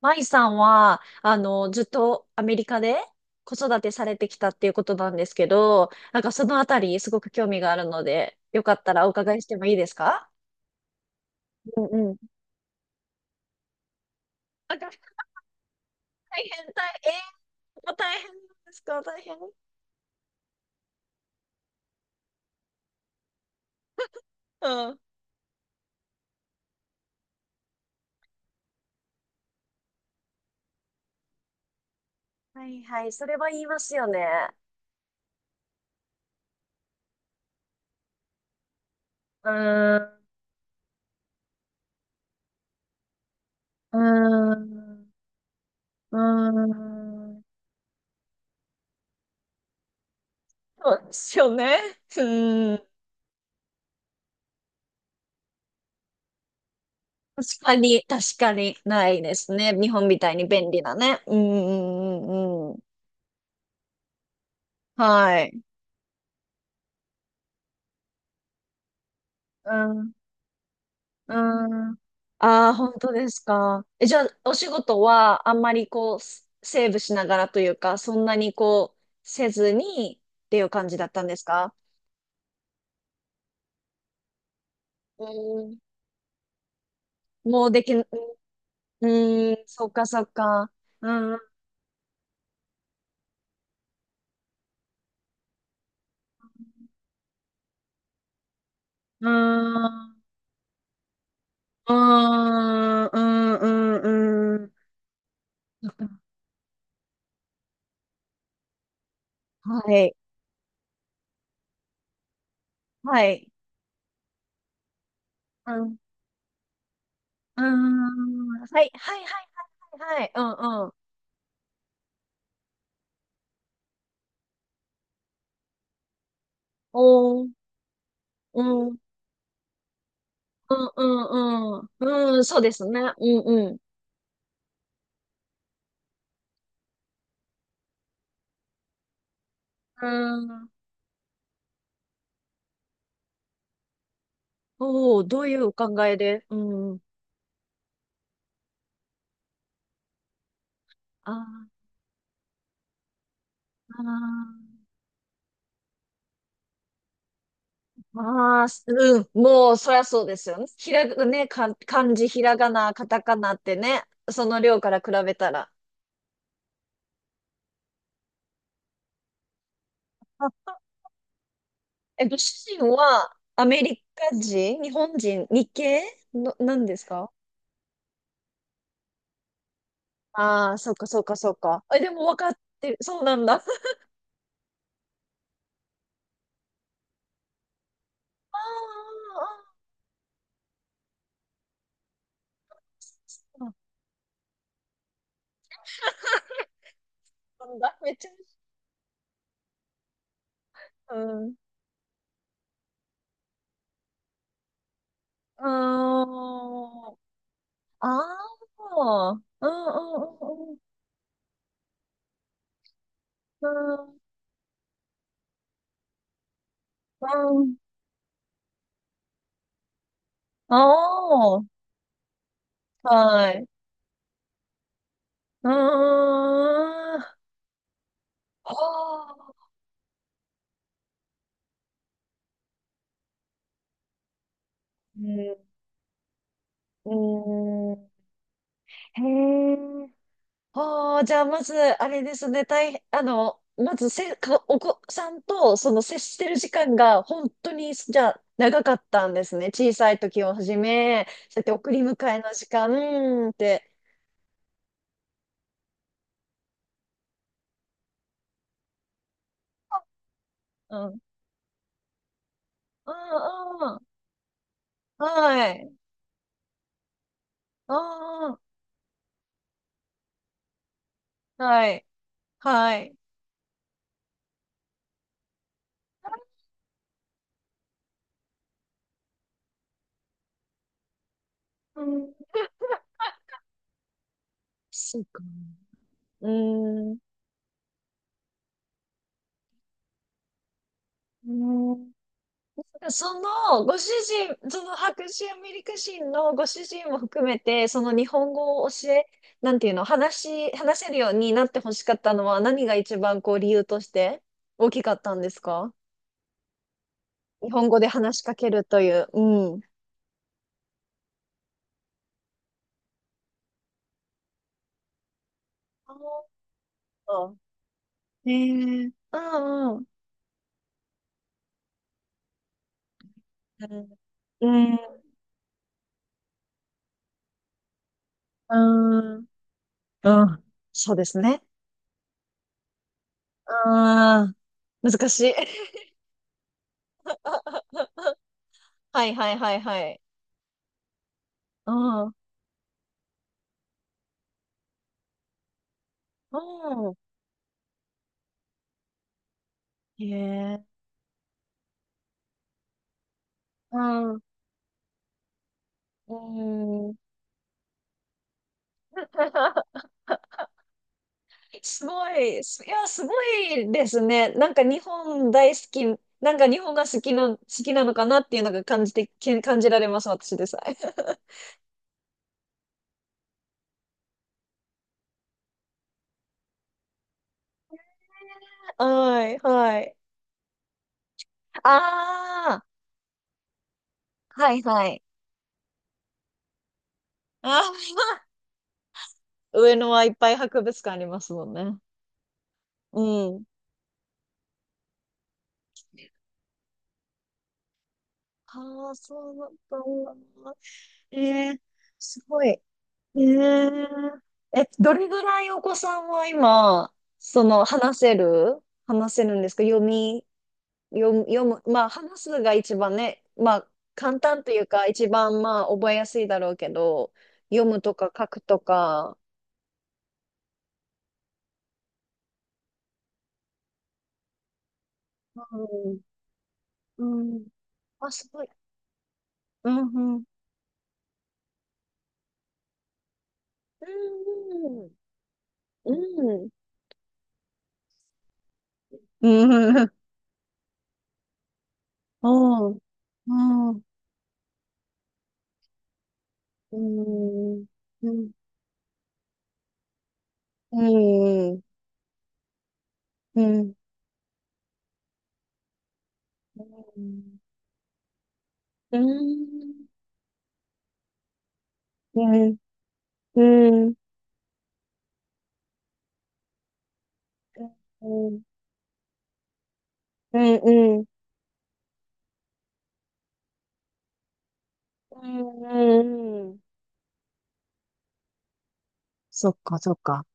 舞さんは、ずっとアメリカで子育てされてきたっていうことなんですけど、なんかそのあたりすごく興味があるので、よかったらお伺いしてもいいですか？うんうん。あ、大変、大変。もう大変ですか？大変。うん。はいはい、それは言いますよね。うーん、うーん、うーん。そうですよね。うーん。確かに、確かにないですね。日本みたいに便利なね。うん、うん、うん、うん。はい。うん。うん。ああ、本当ですか？え、じゃあ、お仕事はあんまりこう、セセーブしながらというか、そんなにこう、せずにっていう感じだったんですか？うん。もうできん、うん、そっかそっか。うん、うん、うん、うん、うん。うんそっかはい、はい。うん、うん。はい、はい、はい、はい、はい。うん、うん。おー。うんうんうん。うん、そうですね。うんうん。うん。おお、どういうお考えで？うん。ああ、ああ、うん。もう、そりゃそうですよね。ひらが、ね、か、漢字、ひらがな、カタカナってね、その量から比べたら。あご主人はアメリカ人、日本人、日系の、なんですか？ああー、そうかそうかそうか。え、でも分かってる。そうなんだ。あーあー、そうなんだ。めっちゃ、うん。うーん。ああ。うんうんうんうん。うん。ああ。はい。うーん。はあ。うん。うんへえ。はあ。じゃあ、まず、あれですね。大変、まずせ、か、お子さんと、その、接してる時間が、本当に、じゃあ、長かったんですね。小さい時をはじめ、そうやって送り迎えの時間って。うん。うんうんはい。ああ、はい。はい。うん。そうか。うーん。うん。その、ご主人、その白人アメリカ人のご主人も含めて、その日本語を教え、なんていうの、話せるようになってほしかったのは何が一番こう理由として大きかったんですか？日本語で話しかけるという。うん。ああ、ねえ。うんうん。うん。うん。うんうん。そうですね。ああ、難しい。はいはいはいはい。うん。うん。へえ。うん。うん。すごい、すごいですね。なんか日本大好き、なんか日本が好きな、のかなっていうのが感じて、感じられます、私でさえ。はい、はい。ああ、はい、はい。ああ、上野はいっぱい博物館ありますもんね。うん。ああ、そうだったんだ。えー、すごい。ー、どれぐらいお子さんは今、その、話せるんですか？読む、まあ、話すが一番ね、まあ、簡単というか、一番、まあ、覚えやすいだろうけど、読むとか書くとか。うん。うん。あ、すごい。うん、うん。うん、うん。うん、うん。うん。うん。うんうん、うん、うん、うん、うん、うん、うん、うん、うん、うん、そっか、そっか。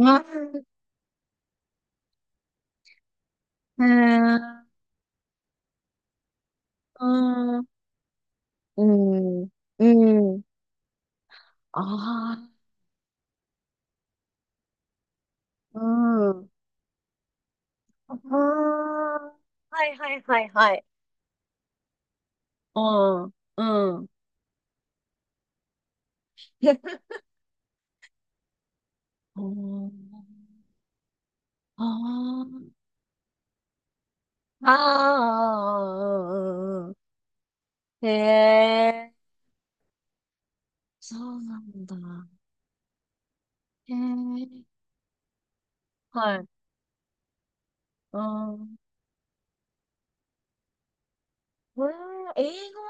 あうん、うん、うん、うん、ああ、うん、ああ、はいはいはいはい。うん、うん。ああ、ああ、うん、うん、へえ、そうなんだ。へえ、はい。うん。これ英語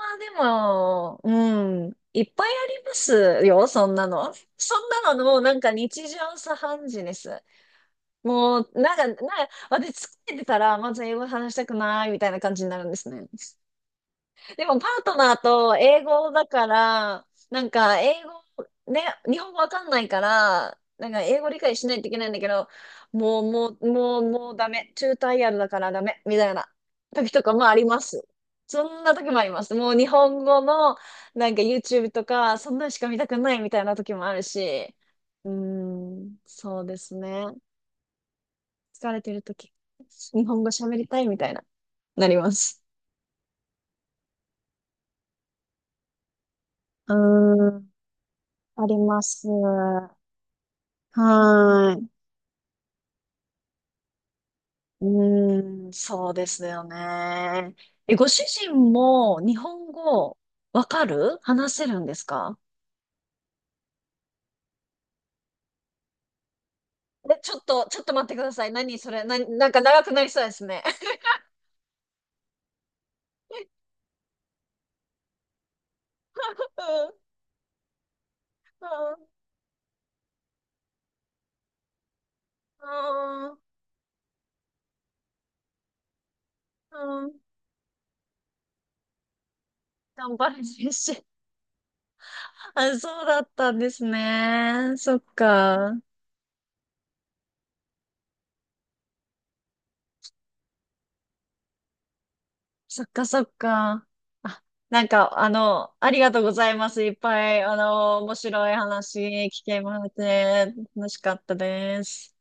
はでも、うん、いっぱいありますよ、そんなの。そんなのもうなんか日常茶飯事です。もう、なんか、私疲れてたら、まず英語話したくないみたいな感じになるんですね。でもパートナーと英語だから、なんか英語、ね、日本語わかんないから、なんか英語理解しないといけないんだけど、もう、もう、もう、もうダメ。中退やるだからダメ。みたいな時とかもあります。そんな時もあります。もう日本語のなんか YouTube とか、そんなのしか見たくないみたいな時もあるし。うーん、そうですね。疲れてる時、日本語喋りたいみたいな、なります。うーん、あります。はーい。うーん、そうですよね。え、ご主人も日本語わかる話せるんですか？えちょっと、ちょっと、待ってください。何それ、なんか長くなりそうですね。うんうんうんうん頑張れ、先生。あ、そうだったんですね。そっか。そっかそっか。あ、なんか、ありがとうございます。いっぱい、面白い話聞けまして、楽しかったです。